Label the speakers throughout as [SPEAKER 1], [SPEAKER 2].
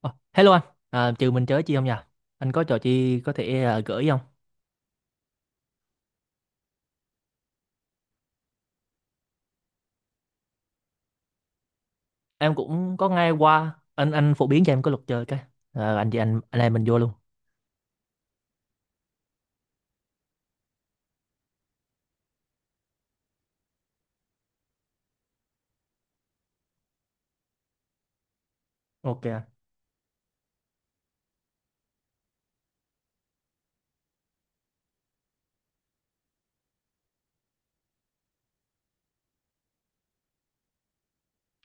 [SPEAKER 1] Ờ, Hello anh, à, trừ mình chơi chi không nha? Anh có trò chi có thể gửi không? Em cũng có nghe qua, anh phổ biến cho em có luật chơi cái. À, anh chị anh em mình vô luôn. Ok anh.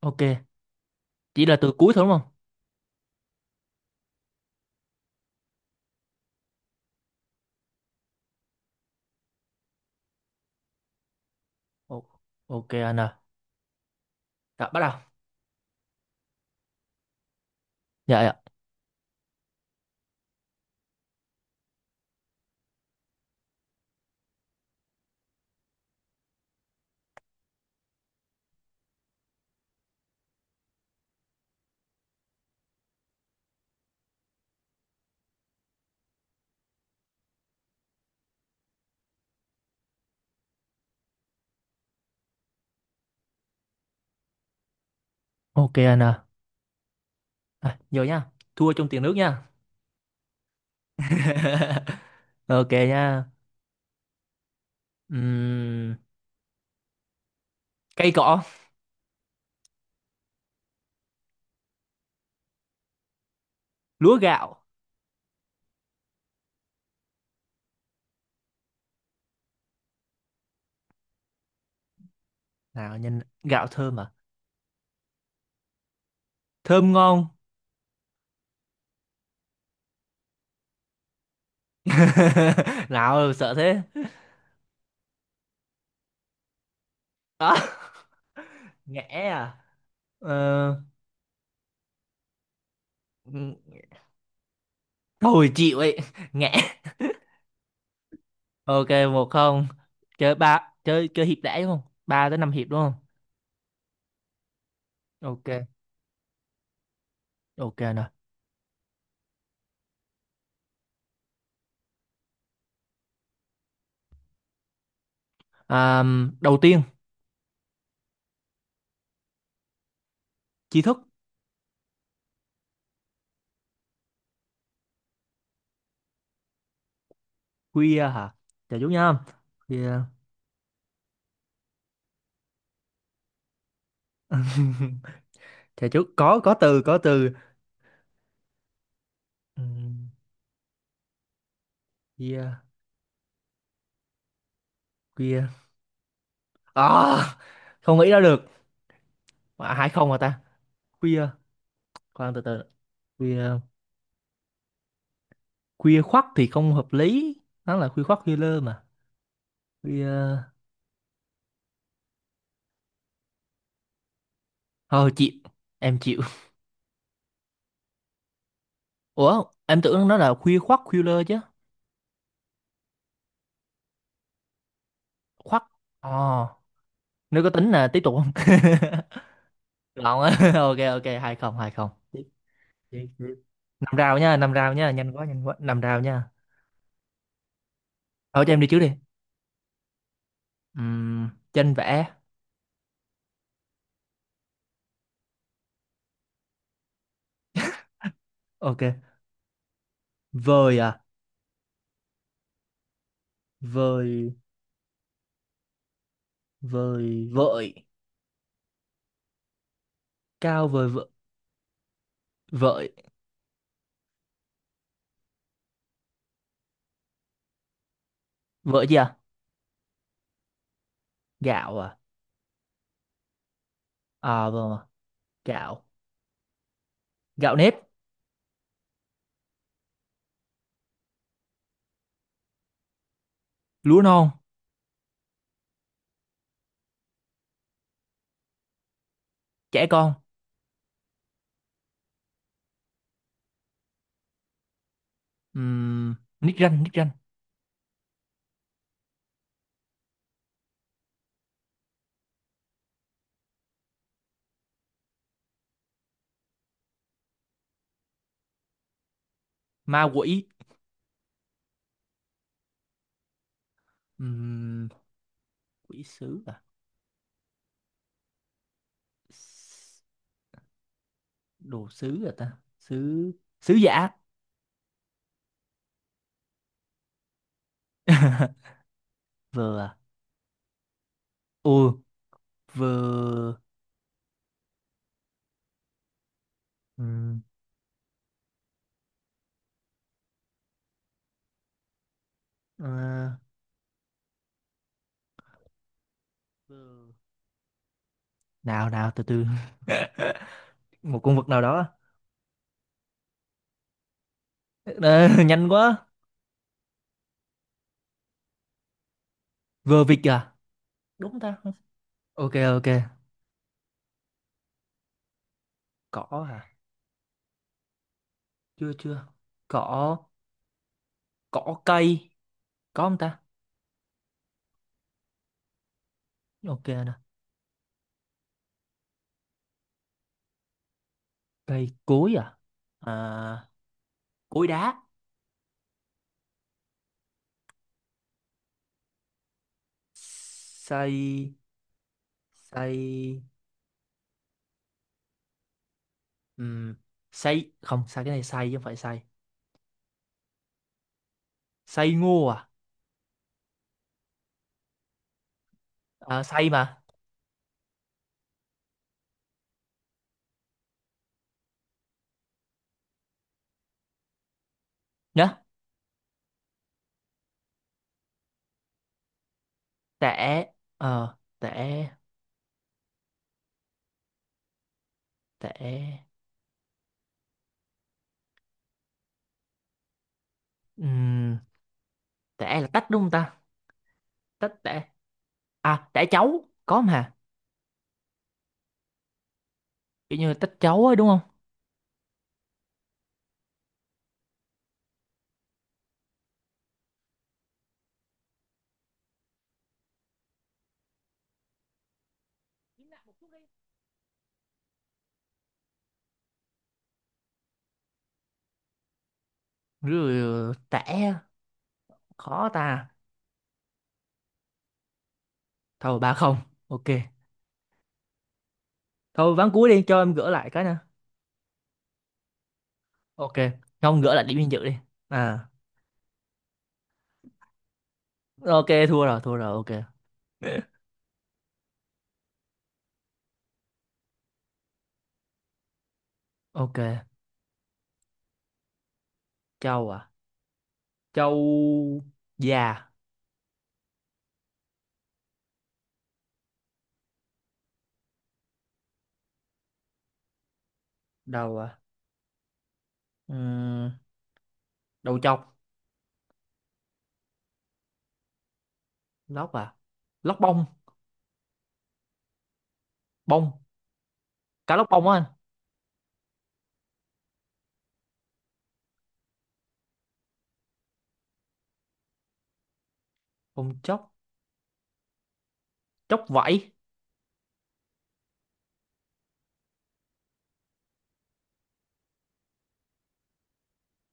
[SPEAKER 1] Ok, chỉ là từ cuối thôi đúng không? Ồ, Ok anh à. Đã, bắt đầu. Dạ dạ. Ok anh à. À, vô nha. Thua trong tiền nước nha. Ok nha. Ừm, cây cỏ, lúa gạo. Nào nhìn gạo thơm à? Thơm ngon. Nào sợ thế. Đó. Ngẽ à. Ờ, thôi chịu ấy ngã. Ok một không. Chơi ba chơi chơi hiệp đã đúng không? Ba tới năm hiệp đúng không? Ok ok nè. À, đầu tiên tri thức khuya hả? Chờ chút nha. Khuya. Chờ chút, có có từ. Ừm, khuya, khuya à. À, không nghĩ ra được. À, hai không mà ta. Khuya, khoan, từ từ. Khuya, khuya khoắt thì không hợp lý, nó là khuya khoắt khuya lơ mà. Khuya, thôi chịu, em chịu. Ủa, em tưởng nó là khuya khoắt khuya chứ. Khoắt. Ờ, nếu có tính là tiếp tục không? Lộn á. Ok ok, hai không hai không. Tiếp, tiếp, tiếp. Năm rào nha, nhanh quá, năm rào nha. Thôi cho em đi trước đi. Tranh vẽ. Ok. Vời à, vời, vời vợi, cao vời vợi, vợi, vợi gì à? Gạo à? À vâng, à, gạo. Gạo nếp, lúa non, trẻ con. Uhm, nick ranh, ma quỷ. Uhm, quỷ sứ. S- đồ sứ à ta sứ, sứ giả. Vừa à? Ừ, vừa. ừm, ờ, vừa. Nào nào, từ từ. Một con vật nào đó. Ờ, nhanh quá. Vừa vịt à, đúng ta. Ok ok. Cỏ hả? Chưa chưa. Cỏ, cỏ cây, có không ta? Ok nè. Cây cối à? À, cối đá, xây, xây. ừm, xây không, xây cái này xây chứ không phải xây. Xây ngô à? Ờ, say mà. Nhớ, tẻ, ờ tẻ, tẻ. Ừm, tẻ là tách đúng không ta? Tách tẻ, à tẻ cháu có mà, kiểu như tách cháu ấy đúng không? Rồi, tẻ, khó ta. Thôi ba không. Ok, thôi ván cuối đi cho em gỡ lại cái nè. Ok, không gỡ lại điểm danh dự đi. À ok, thua rồi ok. Ok, châu à, châu, già, đầu à. Ừm, đầu trọc, lóc à, lóc bông, bông, cá lóc bông á anh. Ông chốc, chốc vẫy,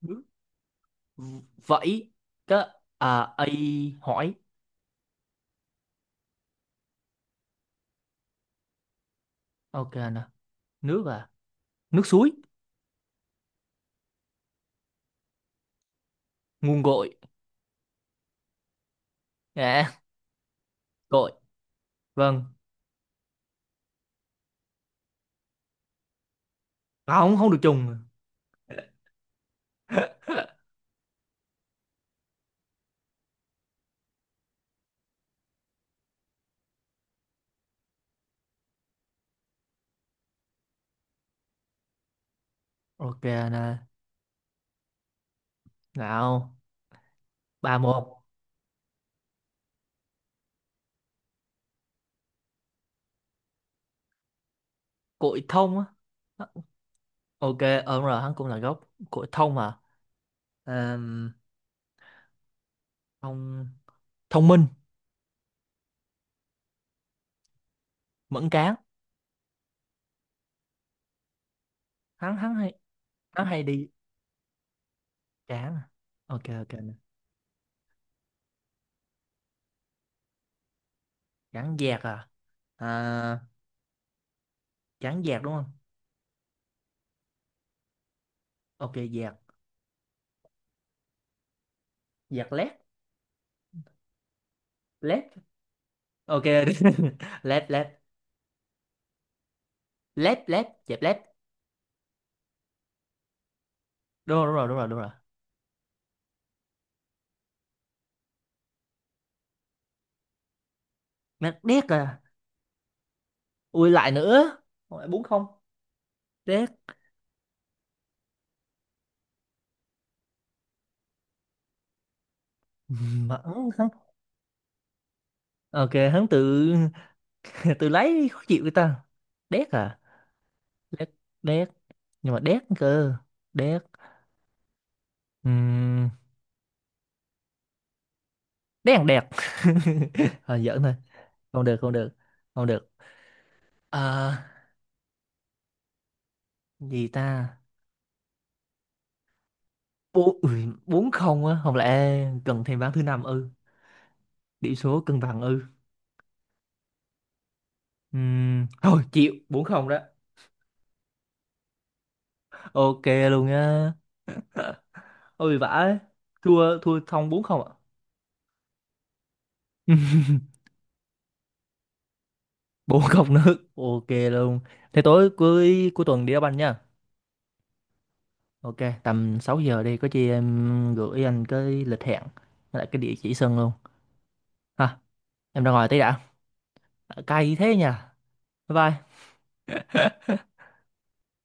[SPEAKER 1] nước, v- vẫy, cái, à ấy, hỏi. Ok nè, nước à, nước suối, nguồn, gội à, gội, vâng. À, không không được trùng. Ok nè, nào, ba một. Cội thông á, ok. Ờ đúng rồi, hắn cũng là gốc, cội thông à. Ờm, thông, thông minh mẫn cán. Hắn hắn hay, hắn hay đi cán à. Ok ok nè. Cán dẹt à, à cán dẹt đúng không? Ok, dẹp, dẹp lép, lép. Ok lép lép, lép dẹp lép. Đúng rồi đúng rồi đúng rồi đúng rồi. Mẹ đét à, ui lại nữa, lại bốn không. Đét. Mà hắn hắn ok hắn tự tự lấy khó chịu người ta. Đét à, đét, đét, nhưng mà đét cơ, đét. Ừm, đét, thằng đẹt. Thôi giỡn thôi. Không được không được không được. À, gì ta? Bốn ui, bốn không á, không lẽ cần thêm ván thứ năm ư? Điểm số cân bằng ư. Thôi chịu 4-0 đó. Ok luôn á. Ôi vãi. Thua thua xong bốn không ạ. Bốn không nữa. Ok luôn. Thế tối cuối cuối tuần đi đá banh nha. Ok, tầm 6 giờ đi, có chi em gửi anh cái lịch hẹn với lại cái địa chỉ sân luôn. Ha, em ra ngoài tí đã. Cay thế nha. Bye bye.